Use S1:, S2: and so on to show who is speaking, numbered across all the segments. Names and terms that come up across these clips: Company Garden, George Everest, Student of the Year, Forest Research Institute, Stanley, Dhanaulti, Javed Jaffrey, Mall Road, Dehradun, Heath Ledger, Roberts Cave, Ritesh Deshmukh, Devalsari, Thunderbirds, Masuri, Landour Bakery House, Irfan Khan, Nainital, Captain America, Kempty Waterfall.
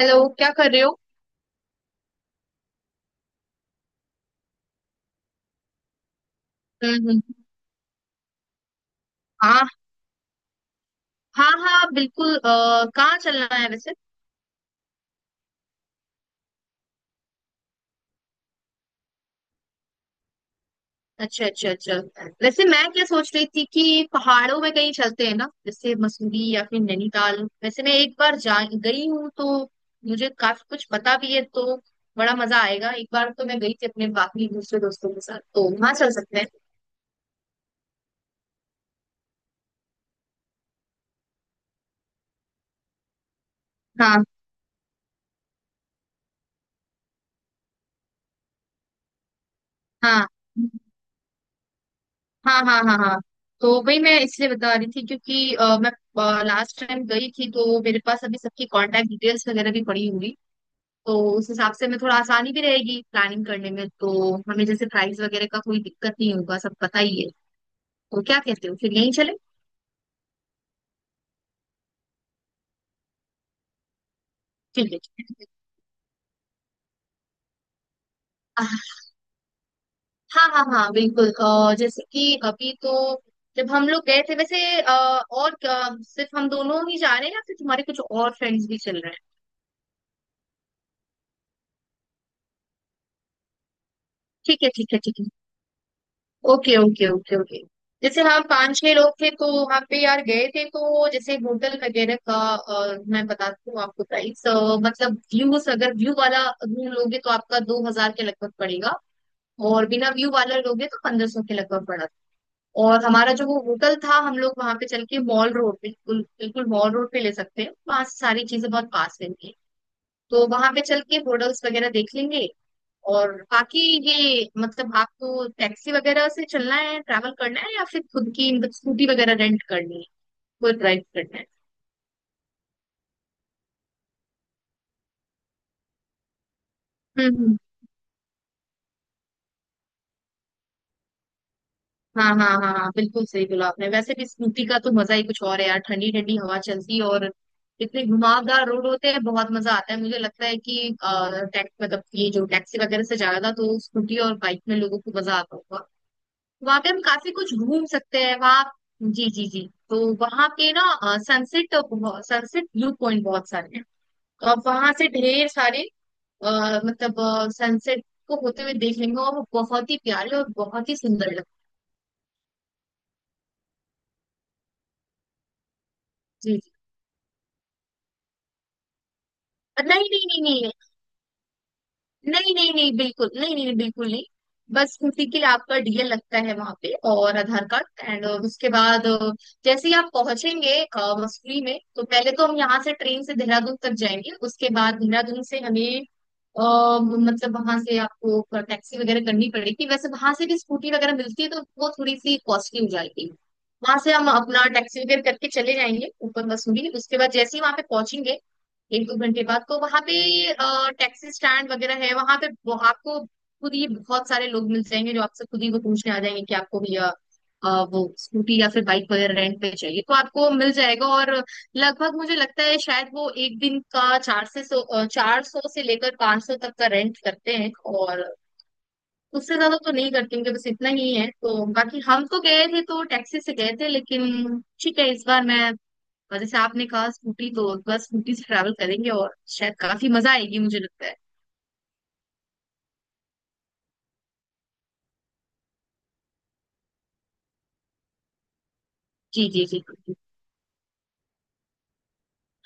S1: Hello, क्या कर रहे हो? हम्म। हाँ हाँ हाँ बिल्कुल। कहाँ चलना है वैसे? अच्छा अच्छा अच्छा। वैसे मैं क्या सोच रही थी कि पहाड़ों में कहीं चलते हैं ना, जैसे मसूरी या फिर नैनीताल। वैसे मैं एक बार जा गई हूँ तो मुझे काफी कुछ पता भी है, तो बड़ा मजा आएगा। एक बार तो मैं गई थी अपने बाकी दूसरे दोस्तों के साथ, तो वहां चल सकते हैं। हाँ हाँ हाँ हाँ। हाँ हाँ। तो वही मैं इसलिए बता रही थी क्योंकि मैं लास्ट टाइम गई थी तो मेरे पास अभी सबकी कांटेक्ट डिटेल्स वगैरह भी पड़ी हुई। तो उस हिसाब से हमें थोड़ा आसानी भी रहेगी प्लानिंग करने में, तो हमें जैसे प्राइस वगैरह का कोई दिक्कत नहीं होगा, सब पता ही है। तो क्या कहते हो, फिर यहीं चले? ठीक है ठीक है। आह, हाँ हाँ हाँ बिल्कुल। जैसे कि अभी तो जब हम लोग गए थे वैसे सिर्फ हम दोनों ही जा रहे हैं या फिर तुम्हारे कुछ और फ्रेंड्स भी चल रहे हैं? ठीक है ठीक है ठीक है। Okay okay okay okay. जैसे हम पांच छह लोग थे तो वहां पे यार गए थे, तो जैसे होटल वगैरह का मैं बताती हूँ आपको प्राइस। मतलब व्यूज, अगर व्यू वाला रूम लोगे तो आपका 2,000 के लगभग पड़ेगा, और बिना व्यू वाला लोगे तो 1,500 के लगभग पड़ा। और हमारा जो वो होटल था, हम लोग वहां पे चल के मॉल रोड, बिल्कुल बिल्कुल मॉल रोड पे ले सकते हैं। वहां से सारी चीजें बहुत पास में थी, तो वहां पे चल के होटल्स वगैरह देख लेंगे। और बाकी ये, मतलब आपको टैक्सी वगैरह से चलना है, ट्रैवल करना है, या फिर खुद की मतलब स्कूटी वगैरह रेंट करनी है, खुद ड्राइव करना है? हम्म हम्म। हाँ हाँ हाँ हाँ बिल्कुल सही बोला आपने। वैसे भी स्कूटी का तो मजा ही कुछ और है यार, ठंडी ठंडी हवा चलती है और इतने घुमावदार रोड होते हैं, बहुत मजा आता है। मुझे लगता है कि टैक्स मतलब ये जो टैक्सी वगैरह से ज्यादा तो स्कूटी और बाइक में लोगों को मजा आता होगा। वहां पे हम काफी कुछ घूम सकते हैं वहां। जी जी जी। तो वहां पे ना, सनसेट सनसेट व्यू पॉइंट बहुत सारे हैं, और वहां से ढेर सारे अ, मतलब सनसेट को होते हुए देख लेंगे, और वो बहुत ही प्यारे और बहुत ही सुंदर लगते हैं। जी जी। नहीं नहीं नहीं नहीं। नहीं नहीं नहीं बिल्कुल नहीं, नहीं नहीं, बिल्कुल नहीं। बस उसी के लिए आपका डीएल लगता है वहां पे और आधार कार्ड, एंड उसके बाद जैसे ही आप पहुंचेंगे मसूरी में, तो पहले तो हम यहाँ से ट्रेन से देहरादून तक जाएंगे, उसके बाद देहरादून से हमें अ, वहां से आपको टैक्सी वगैरह करनी पड़ेगी। वैसे वहां से भी स्कूटी वगैरह मिलती है, तो वो थोड़ी सी कॉस्टली हो जाएगी। वहां से हम अपना टैक्सी वगैरह करके चले जाएंगे ऊपर मसूरी। उसके बाद जैसे ही वहां पे पहुंचेंगे, एक दो घंटे बाद, तो वहां पे टैक्सी स्टैंड वगैरह है वहां पे। वो आपको खुद ही बहुत सारे लोग मिल जाएंगे जो आपसे खुद ही वो पूछने आ जाएंगे कि आपको भैया वो स्कूटी या फिर बाइक वगैरह रेंट पे चाहिए, तो आपको मिल जाएगा। और लगभग, मुझे लगता है शायद वो एक दिन का 400 से लेकर 500 तक का रेंट करते हैं, और उससे ज्यादा तो नहीं करते क्योंकि बस इतना ही है। तो बाकी, हम तो गए थे तो टैक्सी से गए थे, लेकिन ठीक है इस बार मैं और जैसे आपने कहा स्कूटी, तो बस स्कूटी से ट्रैवल करेंगे और शायद काफी मजा आएगी, मुझे लगता है। जी जी जी जी।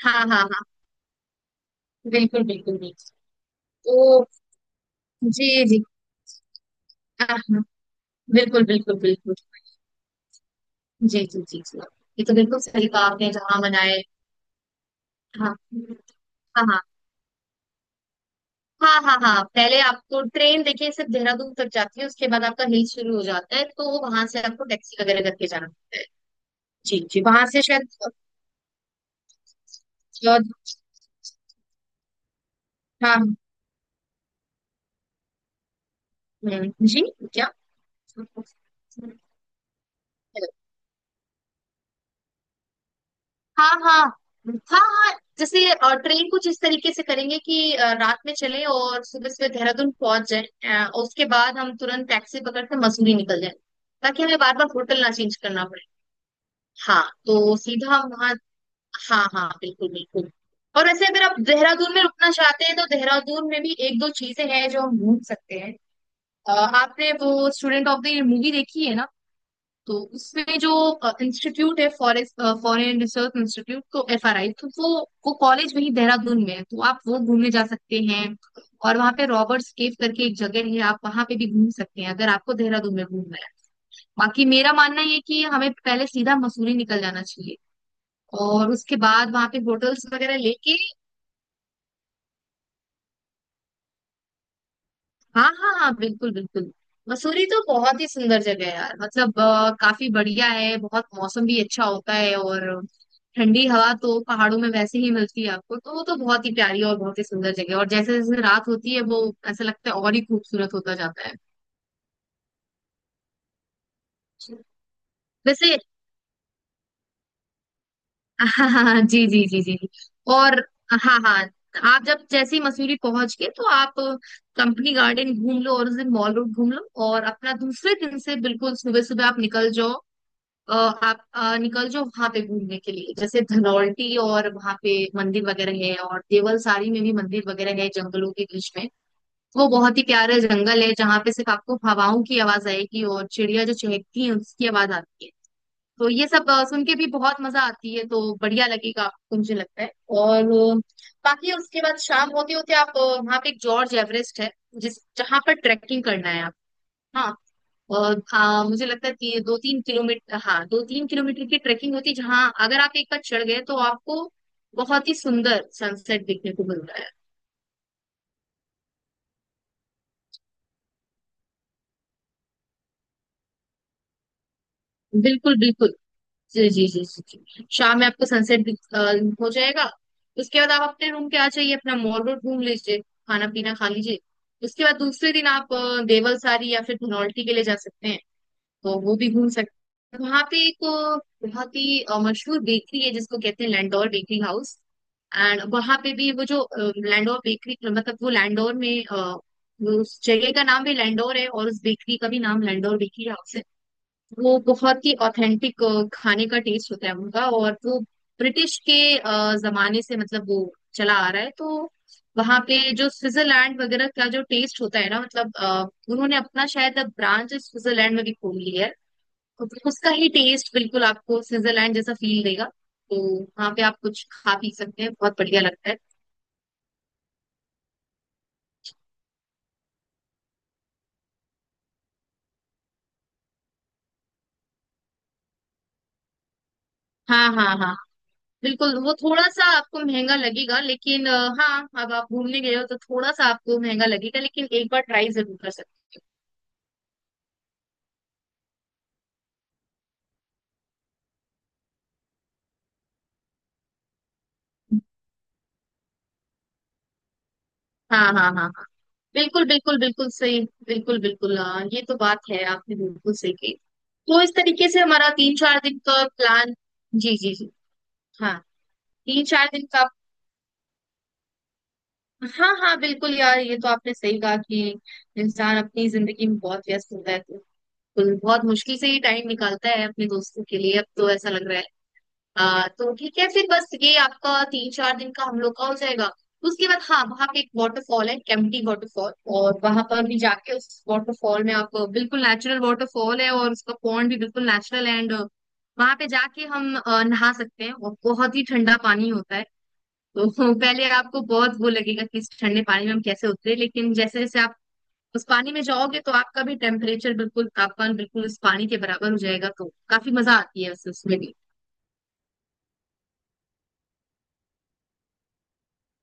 S1: हाँ हाँ हाँ बिल्कुल बिल्कुल बिल्कुल। तो जी जी। हाँ, हाँ, बिल्कुल बिल्कुल बिल्कुल। जी जी जी जी। ये तो बिल्कुल सही कहा आपने, जहाँ मनाए। हाँ हाँ हाँ हाँ। हाँ हाँ पहले आपको ट्रेन देखिए सिर्फ देहरादून तक जाती है, उसके बाद आपका हिल शुरू हो जाता है, तो वहां से आपको टैक्सी वगैरह करके जाना पड़ता है। जी जी वहां से शायद अ, हाँ जी। क्या? हाँ हाँ हाँ हाँ जैसे ट्रेन कुछ इस तरीके से करेंगे कि रात में चले और सुबह सुबह देहरादून पहुंच जाए और उसके बाद हम तुरंत टैक्सी पकड़ के मसूरी निकल जाए, ताकि हमें बार बार होटल ना चेंज करना पड़े। हाँ तो सीधा हम वहाँ। हाँ हाँ बिल्कुल बिल्कुल। और वैसे अगर आप देहरादून में रुकना चाहते हैं तो देहरादून में भी एक दो चीजें हैं जो हम घूम सकते हैं। आपने वो student of the year movie देखी है ना, तो उसमें जो इंस्टीट्यूट है, फॉरेस्ट फॉरेन रिसर्च इंस्टीट्यूट, तो एफआरआई, तो वो कॉलेज वही देहरादून में है, तो आप वो घूमने जा सकते हैं। और वहाँ पे रॉबर्ट्स केव करके एक जगह है, आप वहाँ पे भी घूम सकते हैं अगर आपको देहरादून में घूमना है। बाकी मेरा मानना ये है कि हमें पहले सीधा मसूरी निकल जाना चाहिए, और उसके बाद वहाँ पे होटल्स वगैरह लेके। हाँ हाँ हाँ बिल्कुल बिल्कुल। मसूरी तो बहुत ही सुंदर जगह है यार, मतलब काफी बढ़िया है, बहुत मौसम भी अच्छा होता है। और ठंडी हवा तो पहाड़ों में वैसे ही मिलती है आपको, तो वो तो बहुत ही प्यारी और बहुत ही सुंदर जगह है। और जैसे जैसे रात होती है वो ऐसा लगता है और ही खूबसूरत होता जाता है। वैसे हाँ हाँ हाँ, जी जी जी जी जी। और हाँ हाँ आप जब जैसे ही मसूरी पहुंच गए, तो आप कंपनी गार्डन घूम लो और उस दिन मॉल रोड घूम लो, और अपना दूसरे दिन से बिल्कुल सुबह सुबह आप निकल जाओ। निकल जाओ वहां पे घूमने के लिए, जैसे धनौल्टी, और वहां पे मंदिर वगैरह है, और देवलसारी में भी मंदिर वगैरह है जंगलों के बीच में। वो बहुत ही प्यारा जंगल है जहाँ पे सिर्फ आपको हवाओं की आवाज आएगी और चिड़िया जो चहकती है उसकी आवाज आती है। तो ये सब सुन के भी बहुत मजा आती है, तो बढ़िया लगेगा आपको, मुझे लगता है। और अ, बाकी उसके बाद शाम होते होते आप वहाँ पे एक जॉर्ज एवरेस्ट है, जिस जहाँ पर ट्रैकिंग करना है आप। हाँ, और हाँ मुझे लगता है कि दो तीन किलोमीटर की ट्रेकिंग होती है, जहाँ अगर आप एक बार चढ़ गए तो आपको बहुत ही सुंदर सनसेट देखने को मिलता है। बिल्कुल बिल्कुल। जी जी जी जी जी। शाम में आपको सनसेट हो जाएगा। उसके बाद आप अपने रूम पे आ जाइए, अपना मॉल रोड घूम लीजिए, खाना पीना खा लीजिए। उसके बाद दूसरे दिन आप देवलसारी या फिर धनौल्टी के लिए जा सकते हैं, तो वो भी घूम सकते हैं। वहाँ पे एक बहुत ही मशहूर बेकरी है जिसको कहते हैं लैंडोर बेकरी हाउस। एंड वहाँ पे भी वो जो लैंडोर में वो उस जगह का नाम भी लैंडोर है और उस बेकरी का भी नाम लैंडोर बेकरी हाउस है। वो बहुत ही ऑथेंटिक खाने का टेस्ट होता है उनका, और वो ब्रिटिश के जमाने से मतलब वो चला आ रहा है। तो वहाँ पे जो स्विट्जरलैंड वगैरह का जो टेस्ट होता है ना, मतलब उन्होंने अपना शायद अब ब्रांच स्विट्जरलैंड में भी खोल लिया है, तो फिर उसका ही टेस्ट बिल्कुल आपको स्विट्जरलैंड जैसा फील देगा। तो वहाँ पे आप कुछ खा पी सकते हैं, बहुत बढ़िया लगता है। हाँ हाँ हाँ बिल्कुल। वो थोड़ा सा आपको महंगा लगेगा लेकिन हाँ अब आप घूमने गए हो तो थोड़ा सा आपको महंगा लगेगा, लेकिन एक बार ट्राई जरूर कर सकते हो। हाँ हाँ हाँ हाँ बिल्कुल बिल्कुल बिल्कुल सही। बिल्कुल बिल्कुल ये तो बात है, आपने बिल्कुल सही कही। तो इस तरीके से हमारा तीन चार दिन का प्लान। जी जी जी। हाँ तीन चार दिन का। हाँ हाँ बिल्कुल यार, ये तो आपने सही कहा कि इंसान अपनी जिंदगी में बहुत व्यस्त होता है, तो बिल्कुल, बहुत मुश्किल से ही टाइम निकालता है अपने दोस्तों के लिए। अब तो ऐसा लग रहा है तो ठीक है, फिर बस ये आपका तीन चार दिन का हम लोग का हो जाएगा। उसके बाद हाँ वहाँ पे एक वाटरफॉल है, केम्प्टी वाटरफॉल, और वहां पर भी जाके उस वाटरफॉल में, आप बिल्कुल नेचुरल वाटरफॉल है और उसका पॉन्ड भी बिल्कुल नेचुरल, एंड वहां पे जाके हम नहा सकते हैं, और बहुत ही ठंडा पानी होता है। तो पहले आपको बहुत वो लगेगा कि इस ठंडे पानी में हम कैसे उतरे, लेकिन जैसे जैसे आप उस पानी में जाओगे तो आपका भी टेम्परेचर बिल्कुल तापमान बिल्कुल उस पानी के बराबर हो जाएगा, तो काफी मजा आती है उस उसमें भी।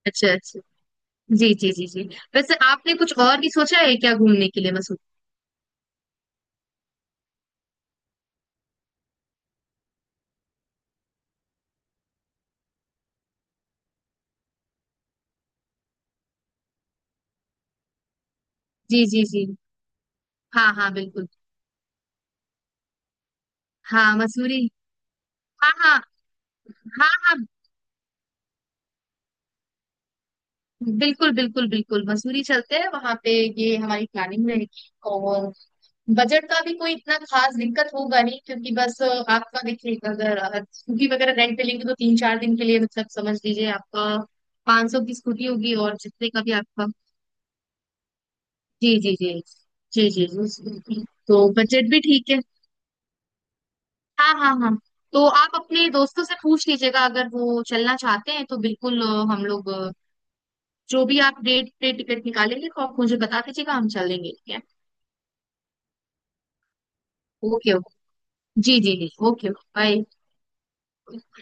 S1: अच्छा अच्छा। जी जी जी जी। वैसे आपने कुछ और भी सोचा है क्या घूमने के लिए मसूरी? जी जी जी। हाँ हाँ बिल्कुल। हाँ मसूरी। हाँ हाँ हाँ हाँ बिल्कुल बिल्कुल बिल्कुल मसूरी चलते हैं वहां पे। ये हमारी प्लानिंग रहेगी, और बजट का भी कोई इतना खास दिक्कत होगा नहीं, क्योंकि बस आपका देखिए, अगर स्कूटी वगैरह रेंट पे लेंगे तो तीन चार दिन के लिए, मतलब समझ लीजिए, आपका 500 की स्कूटी होगी, और जितने का भी आपका। जी जी जी। जी जी जी स्कूटी, तो बजट भी ठीक है। हाँ हाँ हाँ। तो आप अपने दोस्तों से पूछ लीजिएगा, अगर वो चलना चाहते हैं तो बिल्कुल हम लोग जो भी आप डेट पे टिकट निकालेंगे तो आप मुझे बता दीजिएगा, हम चलेंगे, ठीक है। Okay okay. जी जी जी, ओके बाय।